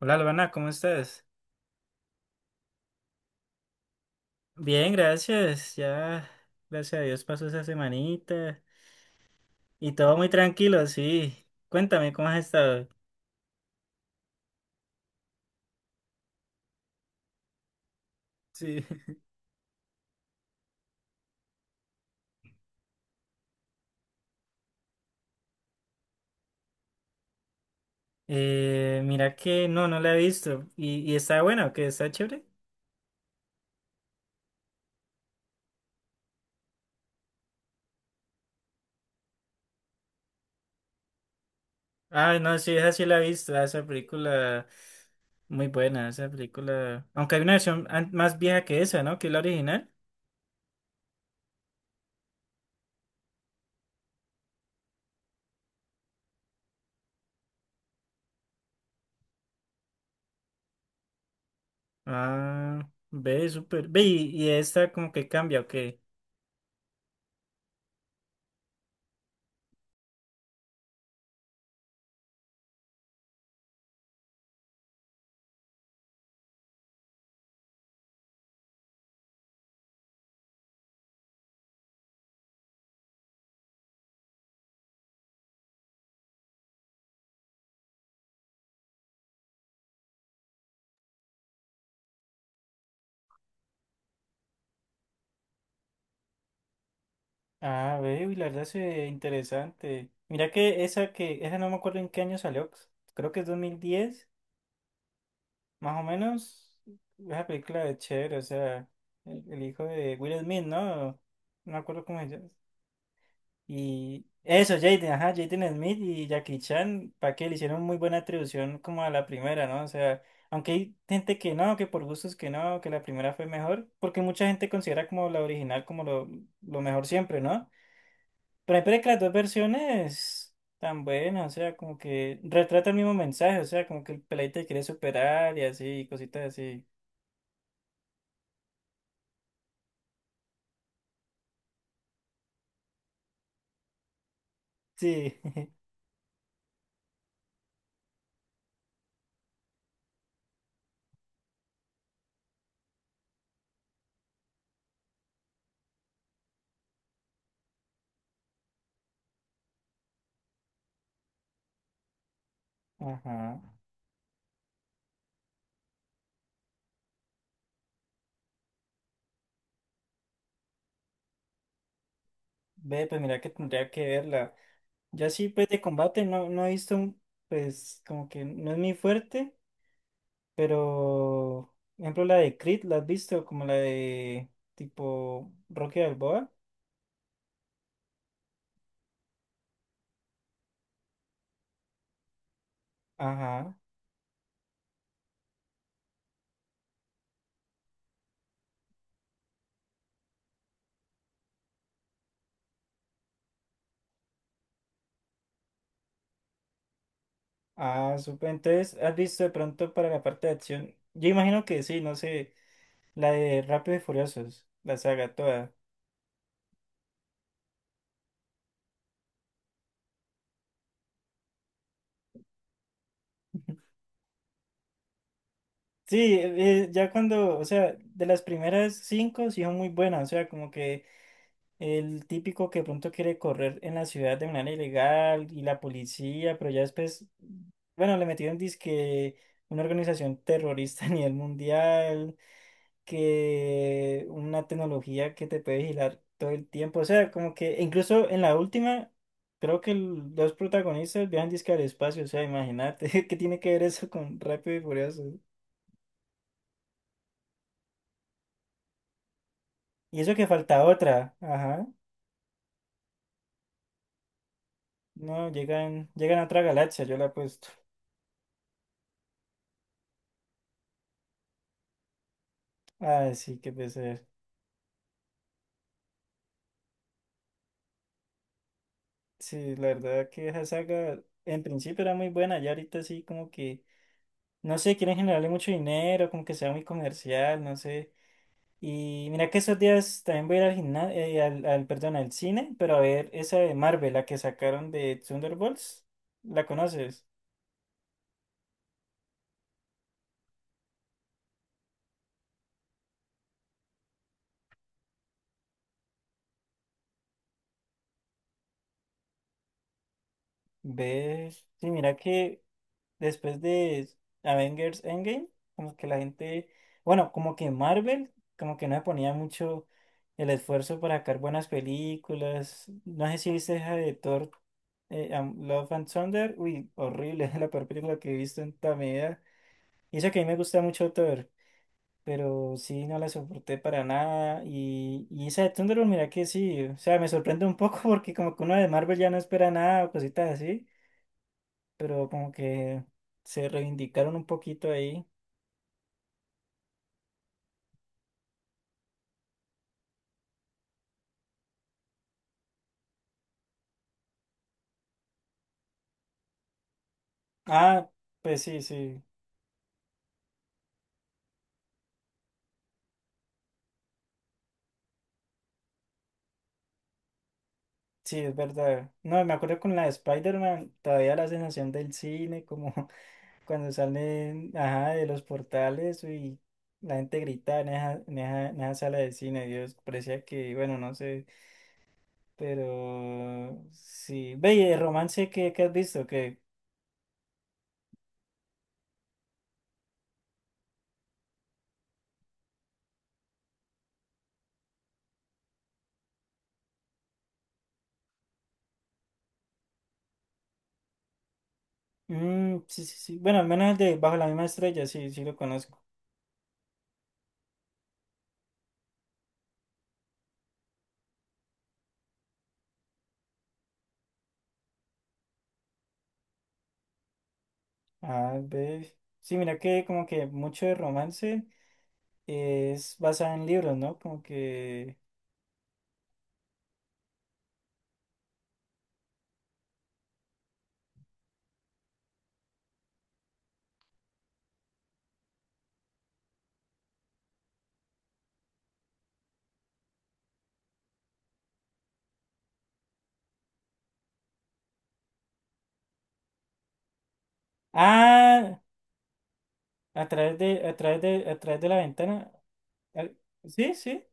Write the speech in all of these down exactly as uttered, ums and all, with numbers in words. Hola, Albana, ¿cómo estás? Bien, gracias. Ya, gracias a Dios pasó esa semanita y todo muy tranquilo, sí. Cuéntame, ¿cómo has estado? Sí. Eh, mira que no, no la he visto. ¿Y, y está buena o qué? ¿Está chévere? Ah, no, sí, esa sí la he visto. ah, Esa película, muy buena, esa película. Aunque hay una versión an- más vieja que esa, ¿no? Que es la original. Ah, ve, súper. Ve, y, y esta como que cambia, ¿ok? Ah, veo y la verdad se ve interesante. Mira que esa que, esa no me acuerdo en qué año salió. Creo que es dos mil diez más o menos. Esa película de chévere, o sea, el, el hijo de Will Smith, ¿no? No me acuerdo cómo se llama. Y eso, Jaden, ajá, Jaden Smith y Jackie Chan, para que le hicieron muy buena atribución como a la primera, ¿no? O sea, aunque hay gente que no, que por gustos que no, que la primera fue mejor, porque mucha gente considera como la original como lo, lo mejor siempre, ¿no? Pero hay que las dos versiones tan buenas, o sea, como que retrata el mismo mensaje, o sea, como que el peladito quiere superar y así, y cositas así. Sí. Ajá. Ve, pues mira que tendría que verla. Yo así, pues de combate no, no he visto, un- pues como que no es muy fuerte, pero, por ejemplo, la de Creed, ¿la has visto? Como la de tipo Rocky Balboa. Ajá. Ah, súper. Entonces, ¿has visto de pronto para la parte de acción? Yo imagino que sí, no sé. La de Rápido y Furiosos, la saga toda. Sí, eh, ya cuando, o sea, de las primeras cinco sí son muy buenas, o sea, como que el típico que de pronto quiere correr en la ciudad de manera ilegal y la policía, pero ya después, bueno, le metieron disque una organización terrorista a nivel mundial. Que una tecnología que te puede vigilar todo el tiempo. O sea, como que incluso en la última, creo que el- los protagonistas viajan disque al espacio. O sea, imagínate, ¿qué tiene que ver eso con Rápido y Furioso? Y eso que falta otra. Ajá. No, llegan, llegan a otra galaxia, yo la apuesto. Ah, sí, qué pesar. Sí, la verdad que esa saga en principio era muy buena, ya ahorita sí como que, no sé, quieren generarle mucho dinero, como que sea muy comercial, no sé. Y mira que esos días también voy a ir al gimnasio, al, al- perdón, al cine, pero a ver esa de Marvel, la que sacaron de Thunderbolts, ¿la conoces? ¿Ves? Sí, mira que después de Avengers Endgame, como que la gente, bueno, como que Marvel, como que no le ponía mucho el esfuerzo para sacar buenas películas. No sé si viste esa de Thor, eh, Am- Love and Thunder, uy, horrible, la peor película que he visto en toda mi vida. Y eso que a mí me gusta mucho Thor. Pero sí, no la soporté para nada. Y, y esa de Thunderbolt, mira que sí, o sea, me sorprende un poco porque como que uno de Marvel ya no espera nada o cositas así, pero como que se reivindicaron un poquito ahí. Ah, pues sí, sí, sí, es verdad. No, me acuerdo con la de Spider-Man, todavía la sensación del cine, como cuando salen, ajá, de los portales y la gente grita en esa, en esa, en esa sala de cine, Dios, parecía que, bueno, no sé. Pero sí, ve, y de romance que, has visto, que mm, sí, sí, sí. Bueno, al menos el de Bajo la misma estrella, sí, sí lo conozco. Ah, ve. Sí, mira que como que mucho de romance es basado en libros, ¿no? Como que. Ah, a través de, a través de, a través de la ventana. Al- Sí, sí.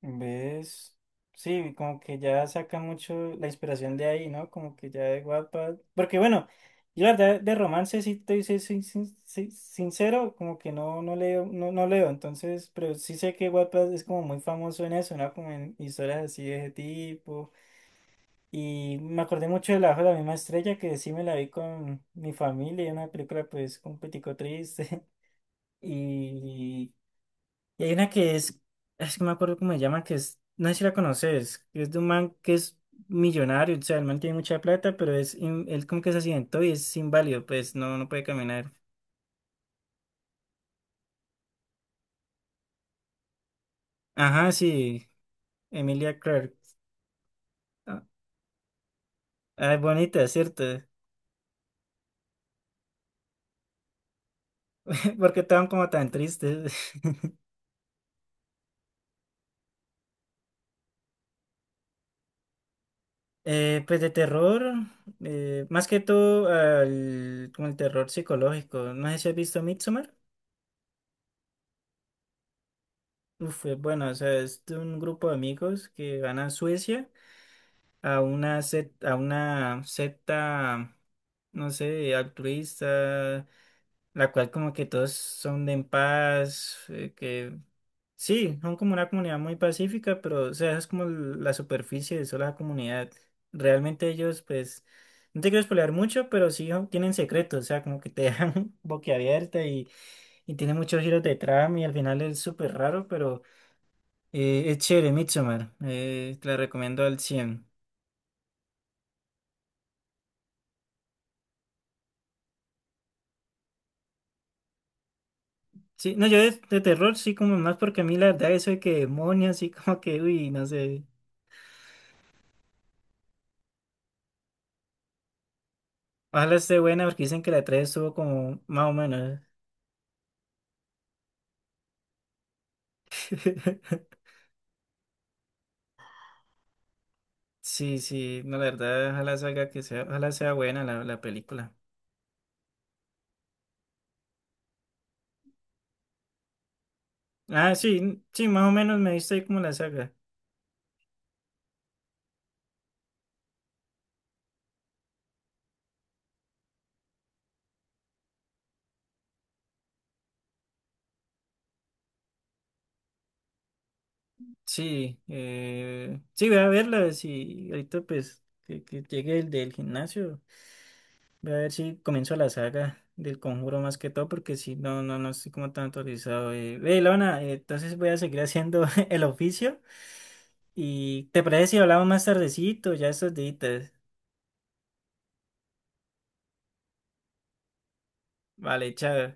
¿Ves? Sí, como que ya saca mucho la inspiración de ahí, ¿no? Como que ya de Wattpad. Porque bueno, yo la verdad de romance sí estoy sin- sin- sin- sin- sincero, como que no, no leo, no, no leo, entonces, pero sí sé que Wattpad es como muy famoso en eso, ¿no? Como en historias así de ese tipo. Y me acordé mucho de La Bajo de la misma estrella, que sí me la vi con mi familia, y una película pues un poquitico triste. Y y hay una que es, es que no me acuerdo cómo se llama, que es, no sé si la conoces, que es de un man que es millonario, o sea, el man tiene mucha plata, pero es, in- él como que se accidentó y es inválido, pues no, no puede caminar. Ajá, sí, Emilia Clarke. Ah, es bonita, ¿cierto? Porque estaban como tan tristes. Eh, pues de terror, eh, más que todo al- como el terror psicológico. No sé si has visto Midsommar. Uf, es bueno, o sea, es de un grupo de amigos que van a Suecia a una secta, a una secta, no sé, altruista, la cual como que todos son de en paz, eh, que sí, son como una comunidad muy pacífica, pero o sea, esa es como l- la superficie de sola comunidad. Realmente ellos, pues, no te quiero spoilear mucho, pero sí son- tienen secretos, o sea, como que te dejan boquiabierta y, y tiene muchos giros de trama y al final es súper raro, pero eh, es chévere, Midsommar, eh, te la recomiendo al cien. Sí, no, yo de, de terror sí como más porque a mí la verdad eso de que demonios sí como que, uy, no sé. Ojalá esté buena porque dicen que la tres estuvo como más o menos. Sí, sí, no, la verdad, ojalá salga que sea, ojalá sea buena la, la película. Ah, sí, sí, más o menos me viste ahí como la saga. Sí, eh, sí, voy a verla, si ahorita pues que, que llegue el del gimnasio. Voy a ver si comienzo la saga del Conjuro más que todo, porque si no, no, no estoy como tan autorizado. Eh, Ve, Lona, eh, entonces voy a seguir haciendo el oficio. ¿Y te parece si hablamos más tardecito, ya estos días? Vale, chao.